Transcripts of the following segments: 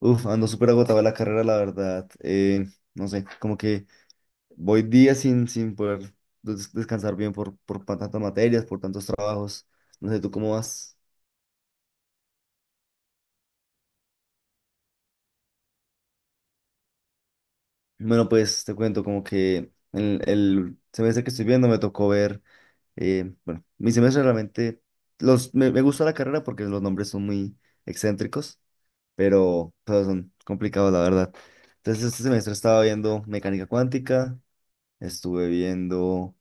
Uf, ando súper agotado de la carrera, la verdad. No sé, como que voy días sin poder descansar bien por tantas materias, por tantos trabajos. No sé, ¿tú cómo vas? Bueno, pues te cuento como que el semestre que estoy viendo me tocó ver, bueno, mi semestre realmente, me gusta la carrera porque los nombres son muy excéntricos, pero son complicados, la verdad. Entonces, este semestre estaba viendo mecánica cuántica, estuve viendo...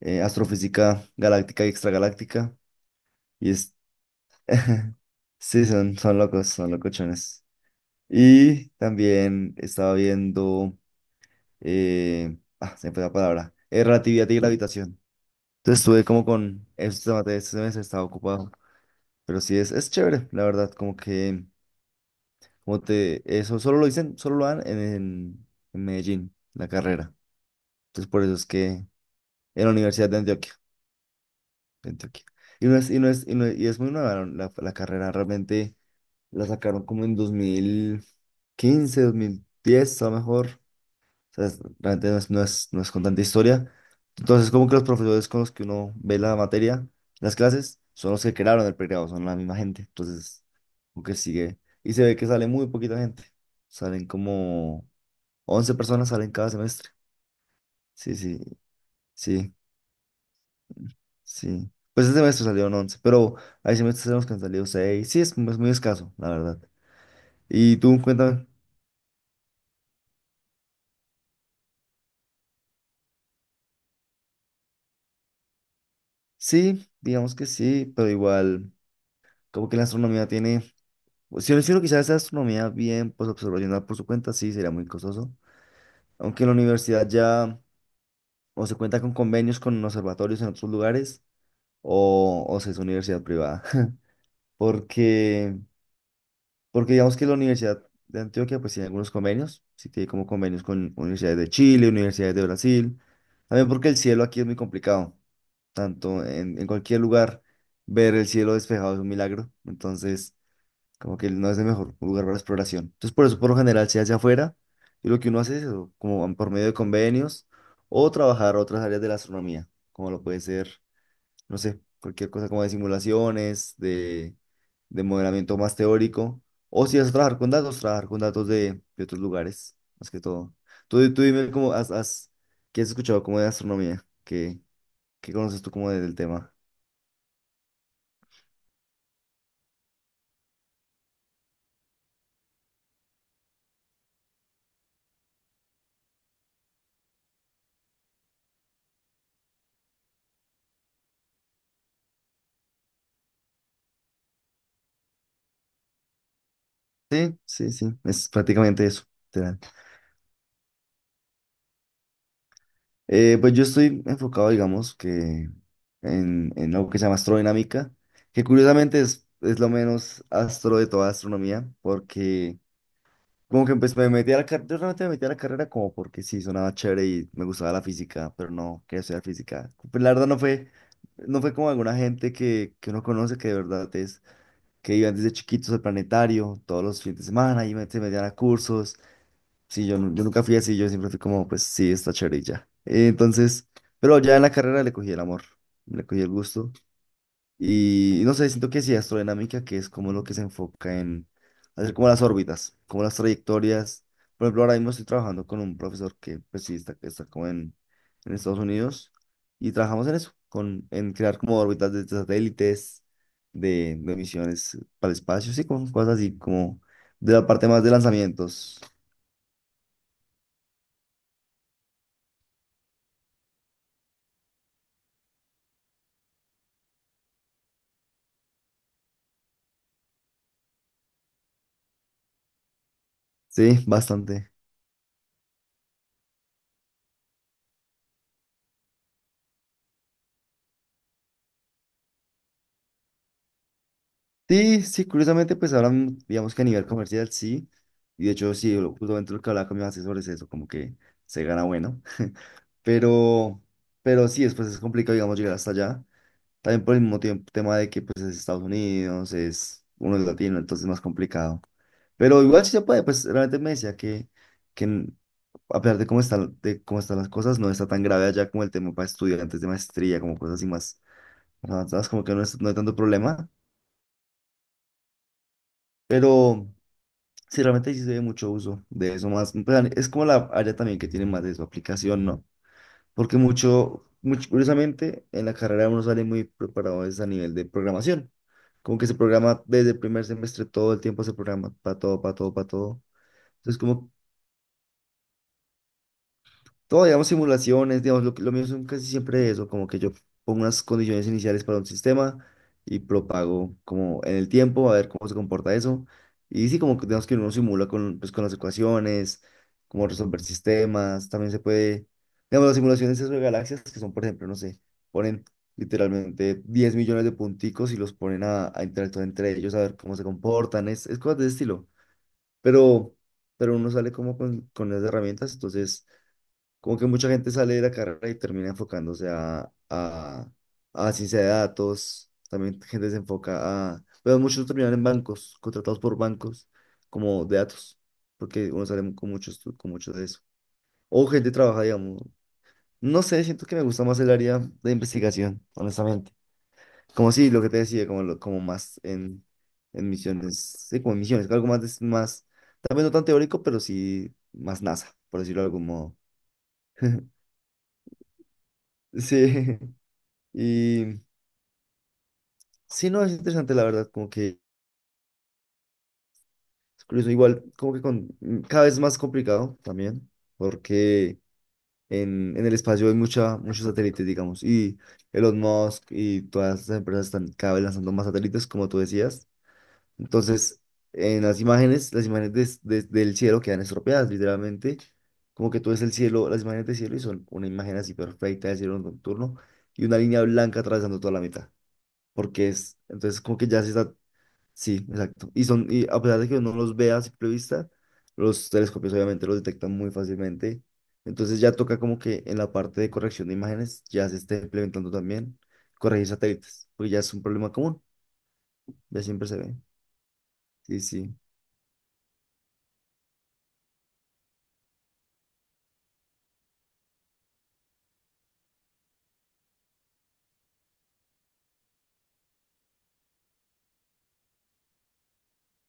astrofísica galáctica y extragaláctica. Y es... sí, son locos, son locochones. Y también estaba viendo... Ah, se me fue la palabra. Relatividad y gravitación. Entonces estuve como con estos temas de este semestre, estaba ocupado. Pero sí, es chévere, la verdad, como que... Como te... Eso solo lo dicen, solo lo dan en Medellín, la carrera. Entonces por eso es que... En la Universidad de Antioquia. Kentucky. Y no es, y es muy nueva la carrera, realmente la sacaron como en 2015, 2010, a lo mejor. O sea, realmente no es con tanta historia. Entonces, como que los profesores con los que uno ve la materia, las clases, son los que crearon el pregrado, son la misma gente. Entonces, como que sigue. Y se ve que sale muy poquita gente. Salen como 11 personas salen cada semestre. Sí, sí, sí. Sí. Pues este semestre salieron 11, pero hay semestres en los que han salido seis. Sí, es muy escaso, la verdad. ¿Y tú, cuéntame? Sí, digamos que sí, pero igual, como que la astronomía tiene. Pues, si yo hiciera quizás esa astronomía bien, pues observacional por su cuenta, sí, sería muy costoso. Aunque en la universidad ya o se cuenta con convenios con observatorios en otros lugares, o se es universidad privada. Porque. Porque digamos que la Universidad de Antioquia pues tiene algunos convenios, sí tiene como convenios con universidades de Chile, universidades de Brasil, también porque el cielo aquí es muy complicado, tanto en cualquier lugar ver el cielo despejado es un milagro, entonces como que no es el mejor lugar para la exploración. Entonces por eso por lo general se hace afuera y lo que uno hace es eso, como por medio de convenios o trabajar otras áreas de la astronomía, como lo puede ser no sé, cualquier cosa como de simulaciones, de modelamiento más teórico. O si vas a trabajar con datos de otros lugares, más que todo. Tú dime cómo qué has escuchado como de astronomía, qué, qué conoces tú como del tema. Sí, sí, sí, es prácticamente eso. Literal. Pues yo estoy enfocado, digamos, que en algo que se llama astrodinámica, que curiosamente es lo menos astro de toda astronomía, porque como que pues me metí a la carrera, yo realmente me metí a la carrera como porque sí, sonaba chévere y me gustaba la física, pero no quería estudiar física. Pues la verdad no fue, no fue como alguna gente que uno conoce que de verdad es, que iban desde chiquitos al planetario, todos los fines de semana y se metían a cursos. Sí, yo, yo nunca fui así, yo siempre fui como, pues sí, está chévere y ya. Entonces, pero ya en la carrera le cogí el amor, le cogí el gusto. Y no sé, siento que sí, astrodinámica, que es como lo que se enfoca en hacer como las órbitas, como las trayectorias. Por ejemplo, ahora mismo estoy trabajando con un profesor que pues sí está como en Estados Unidos y trabajamos en eso, en crear como órbitas de satélites, de misiones para el espacio, sí, con cosas así como de la parte más de lanzamientos. Sí, bastante. Sí, sí, curiosamente, pues ahora, digamos que a nivel comercial, sí. Y de hecho, sí, justamente lo que hablaba con mis asesores es eso, como que se gana bueno. Pero, pero sí, después es complicado, digamos, llegar hasta allá. También por el mismo tiempo, tema de que pues es Estados Unidos, es uno es latino, entonces es más complicado. Pero igual sí se puede, pues realmente me decía que n- a pesar de cómo están las cosas, no está tan grave allá como el tema para estudiantes de maestría, como cosas así más avanzadas, como que no es, no hay tanto problema. Pero. Sí, realmente sí se ve mucho uso de eso más. Pues, es como la área también que tiene más de su aplicación, ¿no? Porque mucho, mucho, curiosamente, en la carrera uno sale muy preparado es a nivel de programación. Como que se programa desde el primer semestre, todo el tiempo se programa para todo, para todo, para todo. Entonces, como todo, digamos, simulaciones, digamos, lo mío son casi siempre eso, como que yo pongo unas condiciones iniciales para un sistema y propago como en el tiempo, a ver cómo se comporta eso. Y sí, como que digamos que uno simula pues, con las ecuaciones, como resolver sistemas, también se puede, digamos, las simulaciones de galaxias, que son, por ejemplo, no sé, ponen literalmente 10 millones de punticos y los ponen a interactuar entre ellos, a ver cómo se comportan, es cosas de ese estilo. Pero, pero uno sale como con las herramientas, entonces como que mucha gente sale de la carrera y termina enfocándose a ciencia de datos, también gente se enfoca a, pero muchos terminan en bancos, contratados por bancos como de datos, porque uno sale con muchos con mucho de eso. O gente trabaja, digamos, no sé, siento que me gusta más el área de investigación, honestamente. Como sí, lo que te decía, como, como más en misiones, sí, como en misiones, algo más, más, también no tan teórico, pero sí más NASA, por decirlo de algún modo. Sí. Y sí, no, es interesante la verdad, como que es curioso, igual como que con, cada vez más complicado también, porque en el espacio hay mucha, muchos satélites, digamos, y Elon Musk y todas estas empresas están cada vez lanzando más satélites, como tú decías. Entonces, en las imágenes del cielo quedan estropeadas, literalmente, como que tú ves el cielo, las imágenes del cielo y son una imagen así perfecta del cielo nocturno y una línea blanca atravesando toda la mitad porque es, entonces como que ya se está. Sí, exacto. Y son, y a pesar de que uno los vea a simple vista, los telescopios obviamente los detectan muy fácilmente. Entonces ya toca como que en la parte de corrección de imágenes ya se esté implementando también corregir satélites, porque ya es un problema común, ya siempre se ve. Sí, sí.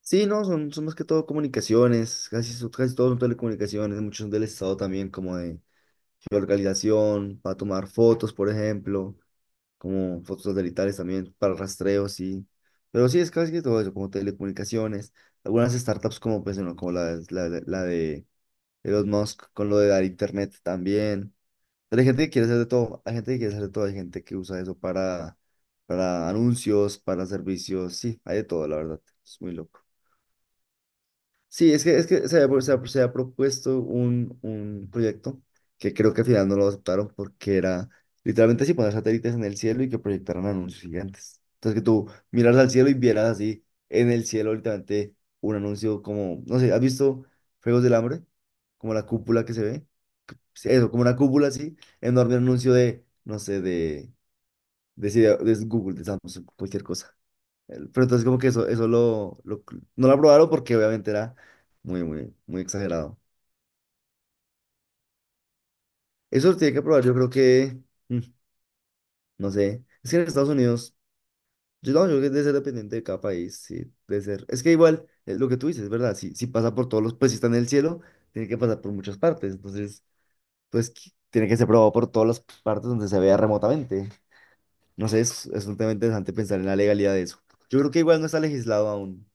Sí, no, son más que todo comunicaciones, casi, casi todos son telecomunicaciones, muchos son del Estado también, como de geolocalización, para tomar fotos, por ejemplo. Como fotos satelitales también para rastreo, sí. Pero sí, es casi que todo eso, como telecomunicaciones, algunas startups como, pues, bueno, como la de Elon Musk, con lo de dar internet también. Pero hay gente que quiere hacer de todo, hay gente que quiere hacer de todo, hay gente que usa eso para anuncios, para servicios, sí, hay de todo, la verdad, es muy loco. Sí, es que se había propuesto un proyecto que creo que al final no lo aceptaron porque era literalmente así poner satélites en el cielo y que proyectaran anuncios gigantes. Entonces que tú miraras al cielo y vieras así en el cielo literalmente un anuncio como, no sé, ¿has visto Juegos del Hambre? Como la cúpula que se ve. Sí, eso, como una cúpula así, enorme anuncio de, no sé, de Google, de Samsung, cualquier cosa. Pero entonces como que eso, no lo aprobaron porque obviamente era muy, muy, muy exagerado. Eso lo tiene que aprobar, yo creo que, mm, no sé, es que en Estados Unidos, yo no, yo creo que debe ser dependiente de cada país, sí, debe ser. Es que igual, lo que tú dices, ¿verdad? Si pasa por todos los, pues si está en el cielo, tiene que pasar por muchas partes, entonces, pues tiene que ser aprobado por todas las partes donde se vea remotamente. No sé, es un tema interesante pensar en la legalidad de eso. Yo creo que igual no está legislado aún.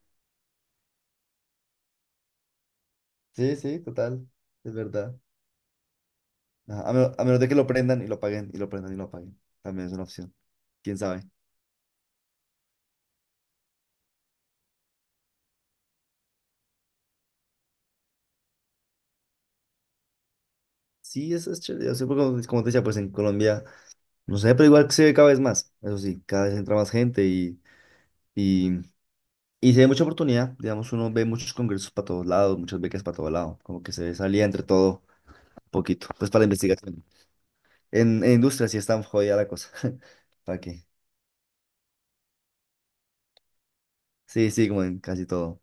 Sí, sí, total, es verdad. Ajá, a menos de que lo prendan y lo apaguen, y lo prendan y lo apaguen. También es una opción. ¿Quién sabe? Sí, eso es chévere. Yo sé, porque como te decía, pues en Colombia, no sé, pero igual se ve cada vez más. Eso sí, cada vez entra más gente y, y se ve mucha oportunidad. Digamos, uno ve muchos congresos para todos lados, muchas becas para todos lados. Como que se ve salida entre todo, un poquito, pues para la investigación. En industria sí está jodida la cosa. ¿Para qué? Sí, sí, como en casi todo.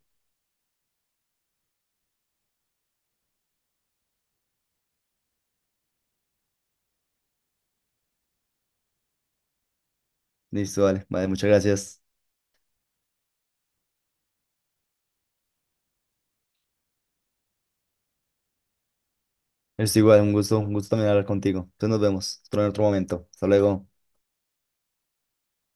Listo, vale. Vale, muchas gracias. Es igual, un gusto también hablar contigo. Entonces nos vemos en otro momento. Hasta luego.